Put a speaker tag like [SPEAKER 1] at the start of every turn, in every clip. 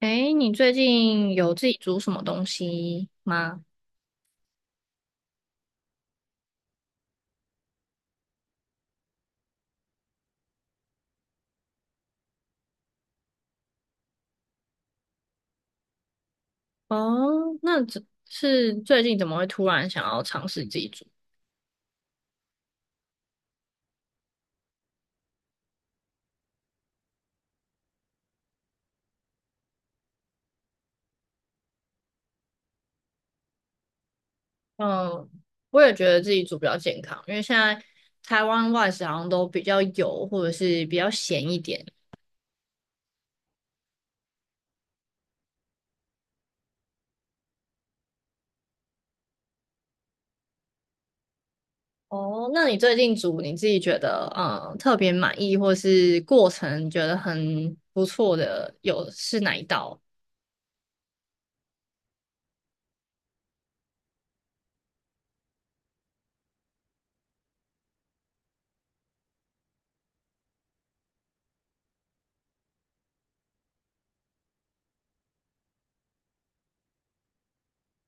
[SPEAKER 1] 诶，你最近有自己煮什么东西吗？哦，那只是最近怎么会突然想要尝试自己煮？嗯，我也觉得自己煮比较健康，因为现在台湾外食好像都比较油或者是比较咸一点。哦，那你最近煮你自己觉得特别满意，或是过程觉得很不错的，有是哪一道？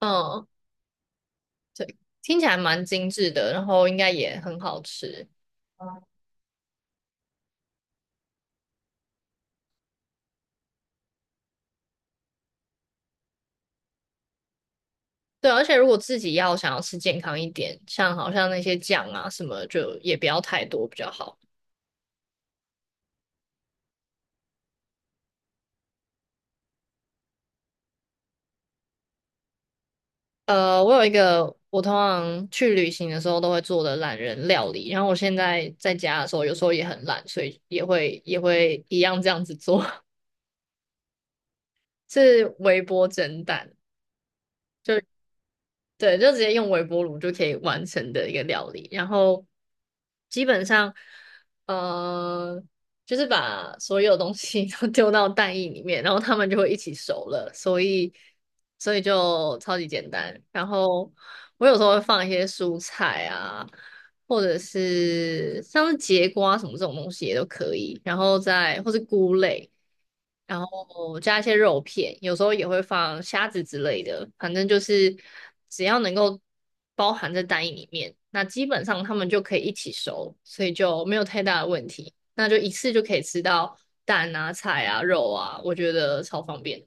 [SPEAKER 1] 嗯，对，听起来蛮精致的，然后应该也很好吃。对，而且如果自己要想要吃健康一点，像好像那些酱啊什么，就也不要太多比较好。我有一个我通常去旅行的时候都会做的懒人料理，然后我现在在家的时候有时候也很懒，所以也会一样这样子做，是微波蒸蛋，就对，就直接用微波炉就可以完成的一个料理。然后基本上，呃，就是把所有东西 都丢到蛋液里面，然后它们就会一起熟了。所以，所以就超级简单。然后我有时候会放一些蔬菜啊，或者是像是节瓜什么这种东西也都可以。然后再或是菇类。然后加一些肉片，有时候也会放虾子之类的，反正就是只要能够包含在蛋液里面，那基本上它们就可以一起熟，所以就没有太大的问题。那就一次就可以吃到蛋啊、菜啊、肉啊，我觉得超方便。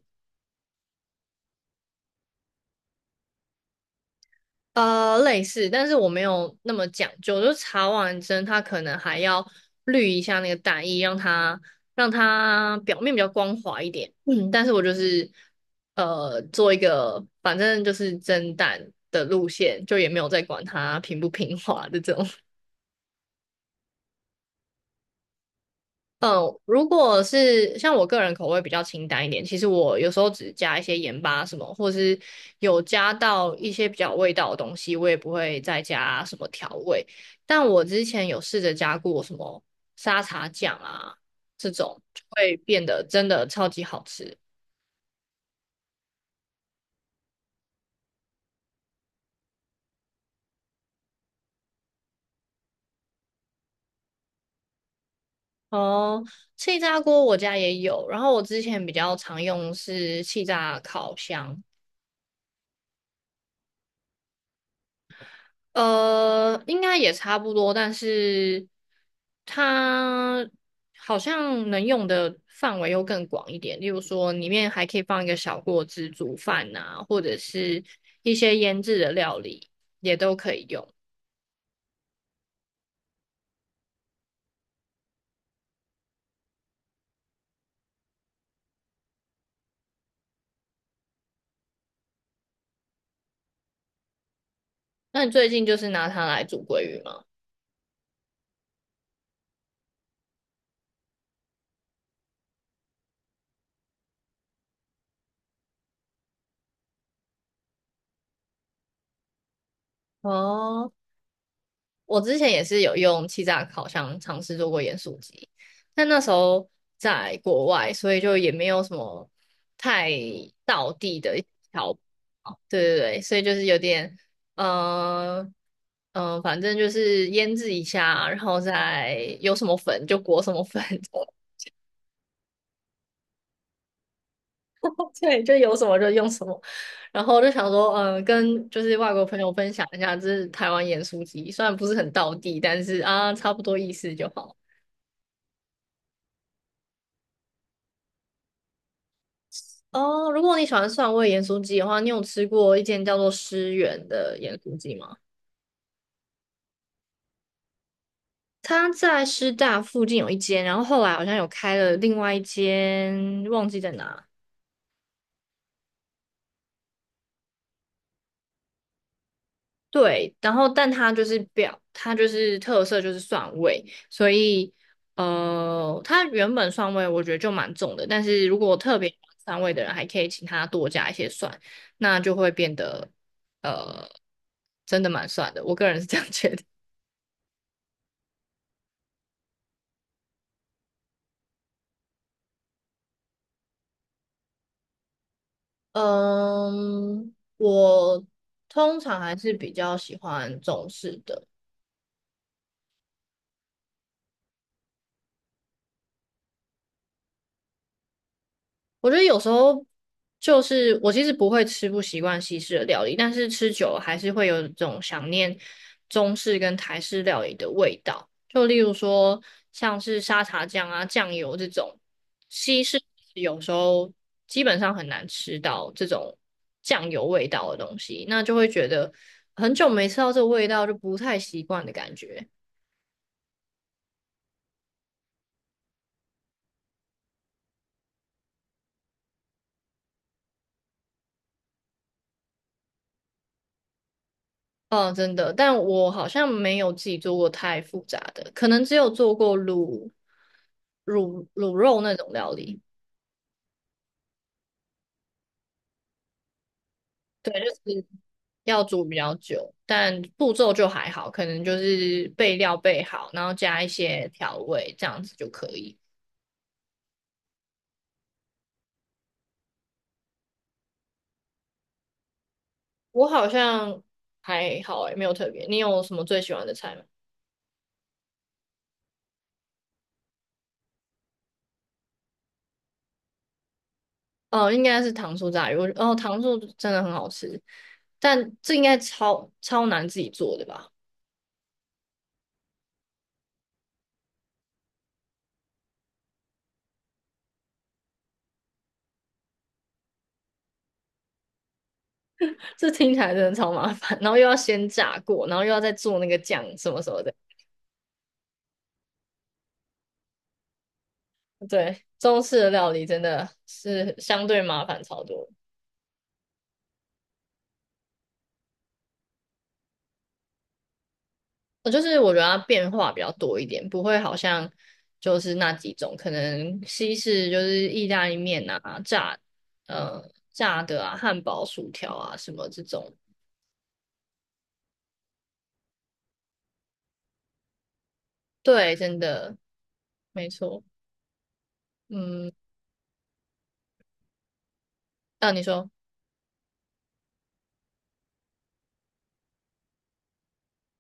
[SPEAKER 1] 类似，但是我没有那么讲究，就查完针，它可能还要滤一下那个蛋液，让它表面比较光滑一点。嗯，但是我就是做一个，反正就是蒸蛋的路线，就也没有再管它平不平滑的这种。嗯，如果是像我个人口味比较清淡一点，其实我有时候只加一些盐巴什么，或是有加到一些比较有味道的东西，我也不会再加什么调味。但我之前有试着加过什么沙茶酱啊，这种就会变得真的超级好吃。哦，气炸锅我家也有，然后我之前比较常用是气炸烤箱，应该也差不多，但是它好像能用的范围又更广一点。例如说，里面还可以放一个小锅子煮饭啊，或者是一些腌制的料理也都可以用。那你最近就是拿它来煮鲑鱼吗？哦。我之前也是有用气炸烤箱尝试做过盐酥鸡，但那时候在国外，所以就也没有什么太道地的调，对对对，所以就是有点，嗯、呃、反正就是腌制一下，然后再有什么粉就裹什么粉，对，就有什么就用什么，然后我就想说，跟就是外国朋友分享一下，这是台湾盐酥鸡，虽然不是很道地，但是啊，差不多意思就好。哦，如果你喜欢蒜味盐酥鸡的话，你有吃过一间叫做诗源的盐酥鸡吗？它在师大附近有一间，然后后来好像有开了另外一间，忘记在哪。对，然后但它就是表，它就是特色就是蒜味，所以它原本蒜味我觉得就蛮重的，但是如果特别喜欢蒜味的人，还可以请他多加一些蒜，那就会变得呃，真的蛮蒜的。我个人是这样觉得。嗯，我通常还是比较喜欢中式的。我觉得有时候就是我其实不会吃不习惯西式的料理，但是吃久了还是会有一种想念中式跟台式料理的味道。就例如说像是沙茶酱啊、酱油这种，西式有时候基本上很难吃到这种酱油味道的东西，那就会觉得很久没吃到这个味道，就不太习惯的感觉。哦，真的，但我好像没有自己做过太复杂的，可能只有做过卤肉那种料理，要煮比较久，但步骤就还好，可能就是备料备好，然后加一些调味，这样子就可以。我好像还好诶，没有特别。你有什么最喜欢的菜吗？哦，应该是糖醋炸鱼，糖醋真的很好吃，但这应该超超难自己做的吧？这听起来真的超麻烦，然后又要先炸过，然后又要再做那个酱什么什么的。对，中式的料理真的是相对麻烦超多。就是我觉得它变化比较多一点，不会好像就是那几种，可能西式就是意大利面啊、呃炸的啊、汉堡、薯条啊什么这种。对，真的没错。嗯，那、你说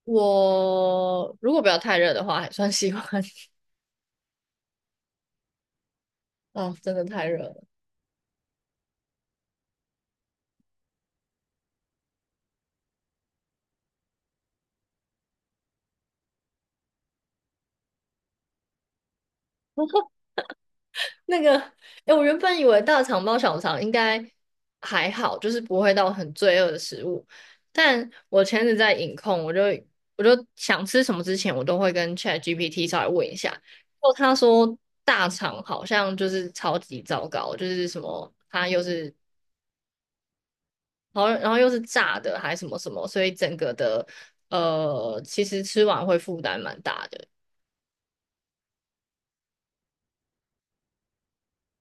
[SPEAKER 1] 我如果不要太热的话，还算喜欢。哦，真的太热了。那个，哎，我原本以为大肠包小肠应该还好，就是不会到很罪恶的食物。但我前阵子在饮控，我就想吃什么之前，我都会跟 ChatGPT 稍微问一下。然后他说大肠好像就是超级糟糕，就是什么它又是好像，然后又是炸的，还什么什么，所以整个的其实吃完会负担蛮大的。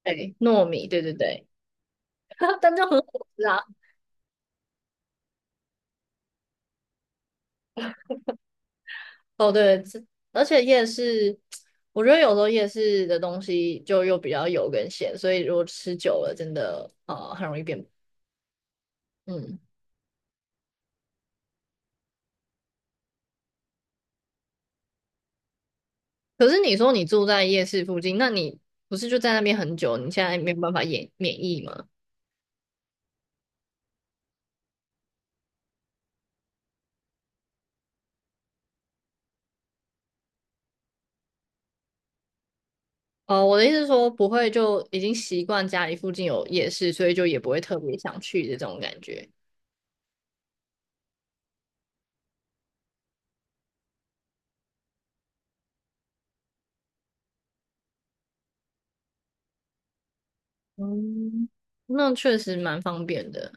[SPEAKER 1] 对，糯米，对对对，但就很好吃啊。哦，对，这而且夜市，我觉得有时候夜市的东西就又比较油跟咸，所以如果吃久了，真的很容易变。嗯，可是你说你住在夜市附近，那你不是就在那边很久？你现在没有办法免疫吗？哦，我的意思是说，不会就已经习惯家里附近有夜市，所以就也不会特别想去的这种感觉。嗯，那确实蛮方便的，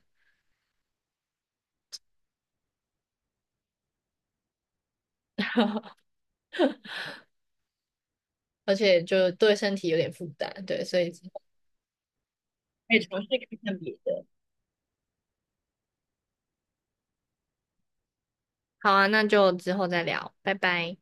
[SPEAKER 1] 而且就对身体有点负担，对，所以之后可以尝试看看别的。好啊，那就之后再聊，拜拜。